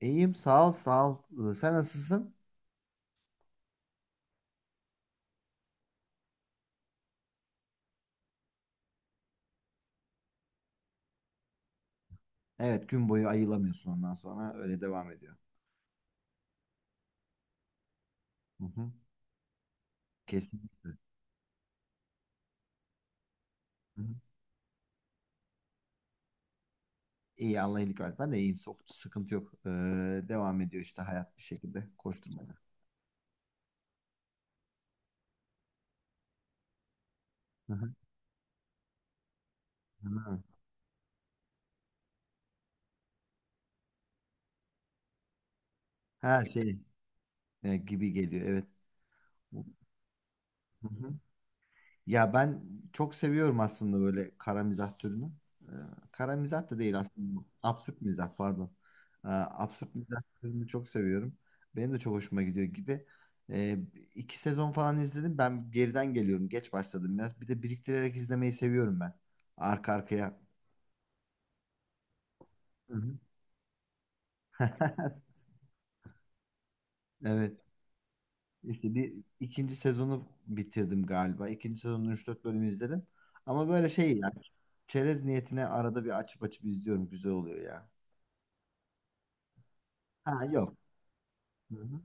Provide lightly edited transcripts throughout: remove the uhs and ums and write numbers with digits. İyiyim sağ ol sağ ol. Sen nasılsın? Evet, gün boyu ayılamıyorsun, ondan sonra öyle devam ediyor. Hı hı. Kesinlikle. Hı hı. İyi, Allah iyilik versin. Ben de iyiyim. Sıkıntı yok. Devam ediyor işte hayat bir şekilde koşturmaya. Hı hı. Hı. Her şey Gibi geliyor, evet. Hı hı. Ya ben çok seviyorum aslında böyle kara mizah türünü. Ee, Kara mizah da değil aslında bu. Absürt mizah, pardon. Absürt mizah türünü çok seviyorum. Benim de çok hoşuma gidiyor Gibi. Ee, iki sezon falan izledim. Ben geriden geliyorum. Geç başladım biraz. Bir de biriktirerek izlemeyi seviyorum ben. Arka arkaya. Hı hı. Evet. İşte bir ikinci sezonu bitirdim galiba. İkinci sezonun üç dört bölümü izledim. Ama böyle şey, yani çerez niyetine arada bir açıp açıp izliyorum. Güzel oluyor ya. Ha yok. Hı-hı.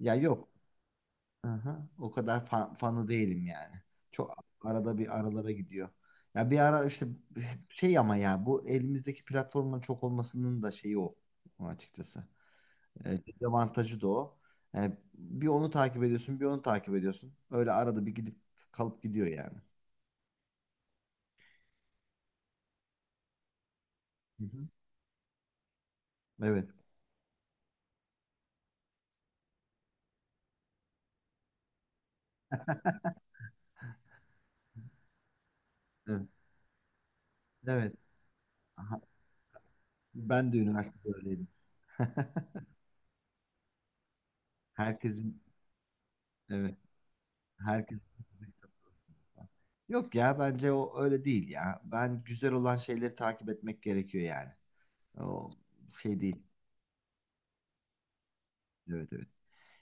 Ya yok. Hı-hı. O kadar fanı değilim yani. Çok arada bir aralara gidiyor. Ya bir ara işte şey, ama ya bu elimizdeki platformların çok olmasının da şeyi o açıkçası. Dezavantajı da o. Bir onu takip ediyorsun, bir onu takip ediyorsun. Öyle arada bir gidip kalıp gidiyor yani. Hı-hı. Evet. Evet. Evet. Aha. Ben de üniversitede öyleydim. Herkesin, evet. Herkesin. Yok ya, bence o öyle değil ya. Ben güzel olan şeyleri takip etmek gerekiyor yani. O şey değil. Evet evet.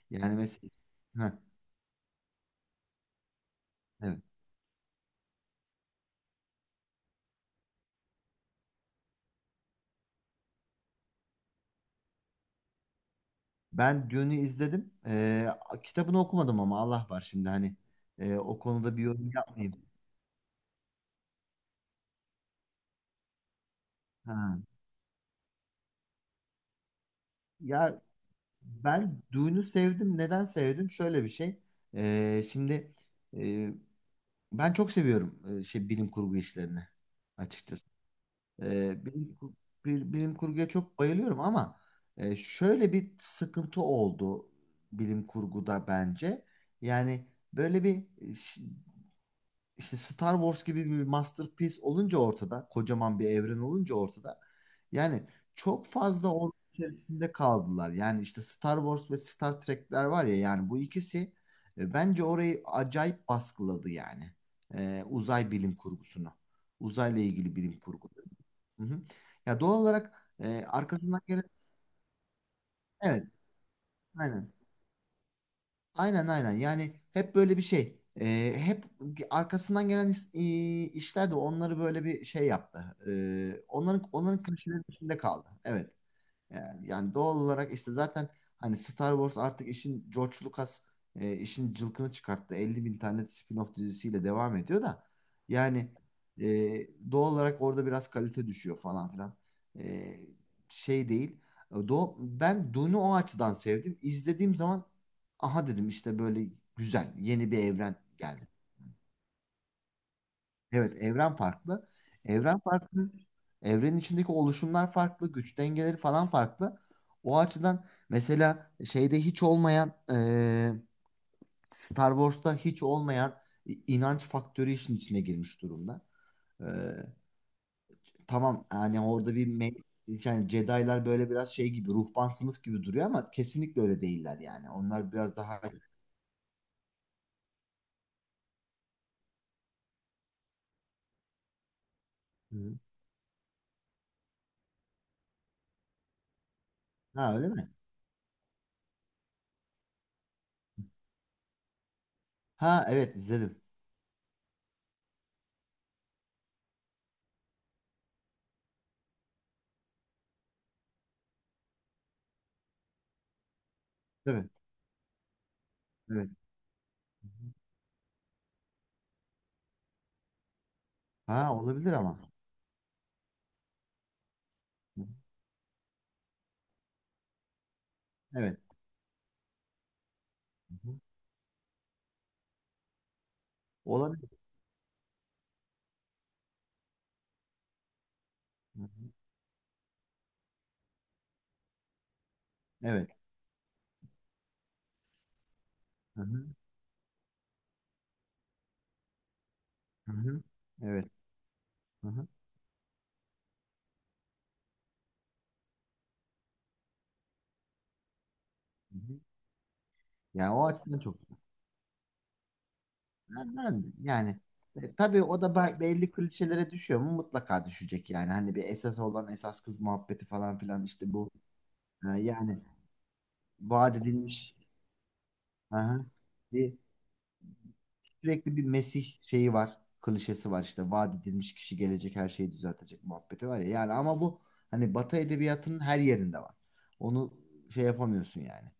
Yani mesela. Heh, evet. Ben Dune'u izledim. Kitabını okumadım ama Allah var, şimdi hani. O konuda bir yorum yapmayayım. Ha. Ya ben Dune'u sevdim. Neden sevdim? Şöyle bir şey. Şimdi e, ben çok seviyorum şey, bilim kurgu işlerini açıkçası. E, bilim, kur- bilim kurguya çok bayılıyorum ama şöyle bir sıkıntı oldu bilim kurguda bence. Yani böyle bir işte Star Wars gibi bir masterpiece olunca ortada, kocaman bir evren olunca ortada. Yani çok fazla onun içerisinde kaldılar. Yani işte Star Wars ve Star Trek'ler var ya, yani bu ikisi bence orayı acayip baskıladı yani. Uzay bilim kurgusunu. Uzayla ilgili bilim kurgu. Hı hı. Ya doğal olarak arkasından gelen, evet, aynen. Aynen aynen, yani hep böyle bir şey. Hep arkasından gelen işler de onları böyle bir şey yaptı. Onların klişelerin içinde kaldı, evet, yani, doğal olarak işte zaten hani Star Wars artık işin, George Lucas işin cılkını çıkarttı. 50 bin tane spin-off dizisiyle devam ediyor da, yani e, doğal olarak orada biraz kalite düşüyor falan filan. E, Şey değil. E, Do Ben Dune'u o açıdan sevdim. İzlediğim zaman aha dedim, işte böyle güzel yeni bir evren geldi. Evet, evren farklı. Evren farklı. Evrenin içindeki oluşumlar farklı, güç dengeleri falan farklı. O açıdan mesela şeyde hiç olmayan, Star Wars'ta hiç olmayan inanç faktörü işin içine girmiş durumda. Eee, tamam, yani orada bir yani Jedi'lar böyle biraz şey gibi, ruhban sınıf gibi duruyor ama kesinlikle öyle değiller yani. Onlar biraz daha. Hı. Ha öyle mi? Ha evet, izledim. Değil mi? Evet. Ha, olabilir ama. Evet. Olabilir. Hı hı. Evet. Hı hı. Hı hı. Evet. Hı hı. Hı hı. Yani o açıdan çok. Yani tabii o da belli klişelere düşüyor mu? Mutlaka düşecek yani. Hani bir esas olan, esas kız muhabbeti falan filan işte bu. Yani vaat edilmiş. Hı hı. Bir Sürekli bir Mesih şeyi var. Klişesi var işte. Vaat edilmiş kişi gelecek, her şeyi düzeltecek muhabbeti var ya. Yani ama bu hani Batı edebiyatının her yerinde var. Onu şey yapamıyorsun yani.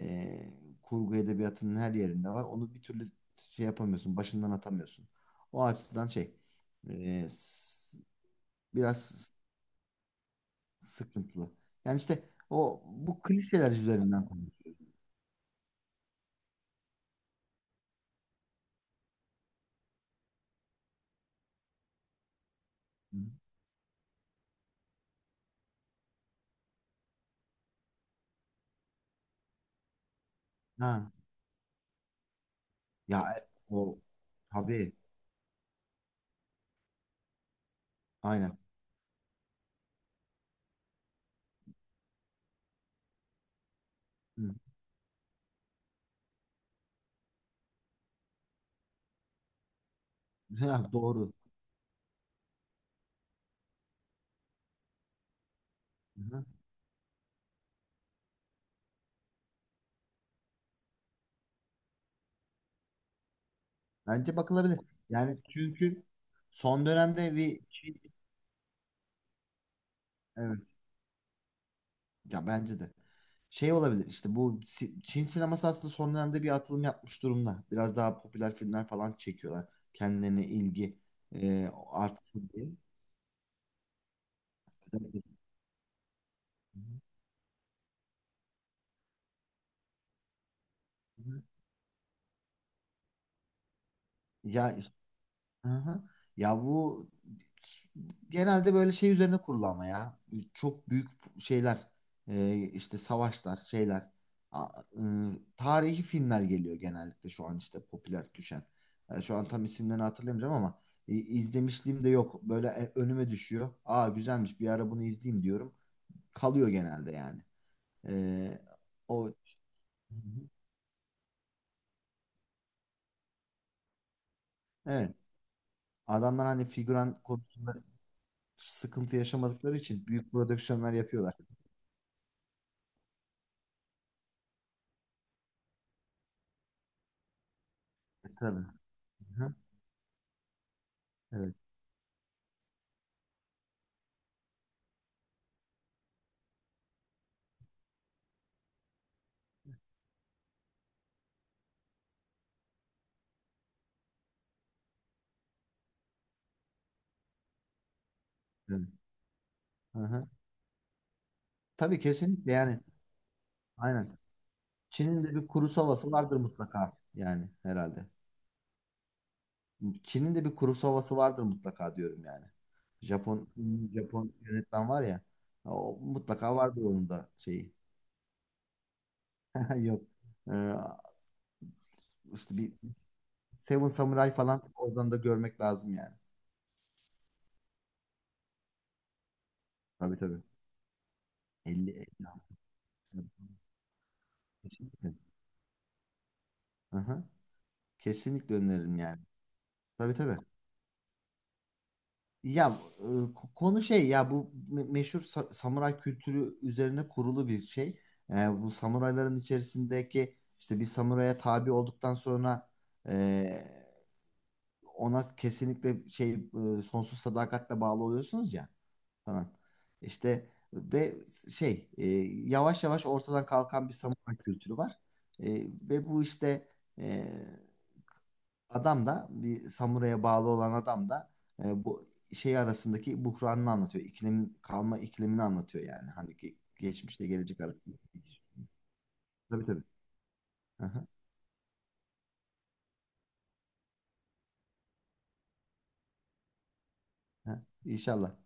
Ee, Kurgu edebiyatının her yerinde var. Onu bir türlü şey yapamıyorsun. Başından atamıyorsun. O açıdan şey, e, s- biraz sıkıntılı. Yani işte o, bu klişeler üzerinden konuşuyorum. Ha. Ya o tabii, aynen. Hı. Ya, doğru. Hı. Bence bakılabilir. Yani çünkü son dönemde bir evet, ya bence de şey olabilir. İşte bu Çin sineması aslında son dönemde bir atılım yapmış durumda. Biraz daha popüler filmler falan çekiyorlar. Kendilerine ilgi artsın diye. Ya. Aha. Ya bu genelde böyle şey üzerine kurulu ama ya. Çok büyük şeyler, işte savaşlar, şeyler, A- e, tarihi filmler geliyor genellikle şu an işte, popüler düşen. Şu an tam isimlerini hatırlayamayacağım ama izlemişliğim de yok. Böyle önüme düşüyor. Aa, güzelmiş, bir ara bunu izleyeyim diyorum. Kalıyor genelde yani. E, O. Hı hı. Evet. Adamlar hani figüran konusunda sıkıntı yaşamadıkları için büyük prodüksiyonlar yapıyorlar. Tabii. Aha. Evet, evet. Aha. Tabii, kesinlikle yani, aynen. Çin'in de bir kuru havası vardır mutlaka yani, herhalde. Çin'in de bir kuru havası vardır mutlaka, diyorum yani. Japon Japon yönetmen var ya, o mutlaka vardır onun da şeyi. Yok. Ee, işte bir Seven Samurai falan, oradan da görmek lazım yani. Tabii tabii. Elli. 50. Kesinlikle. Aha. Kesinlikle öneririm yani. Tabii tabii. Ya konu şey ya, bu meşhur samuray kültürü üzerine kurulu bir şey. E, Bu samurayların içerisindeki, işte bir samuraya tabi olduktan sonra e, ona kesinlikle şey, sonsuz sadakatle bağlı oluyorsunuz ya falan. İşte ve şey, yavaş yavaş ortadan kalkan bir samuray kültürü var. E, Ve bu işte, e, adam da, bir samuraya bağlı olan adam da bu şey arasındaki buhranını anlatıyor. İklim kalma iklimini anlatıyor yani. Hani geçmişle gelecek arasındaki. Tabii tabii. Aha, aha. İnşallah.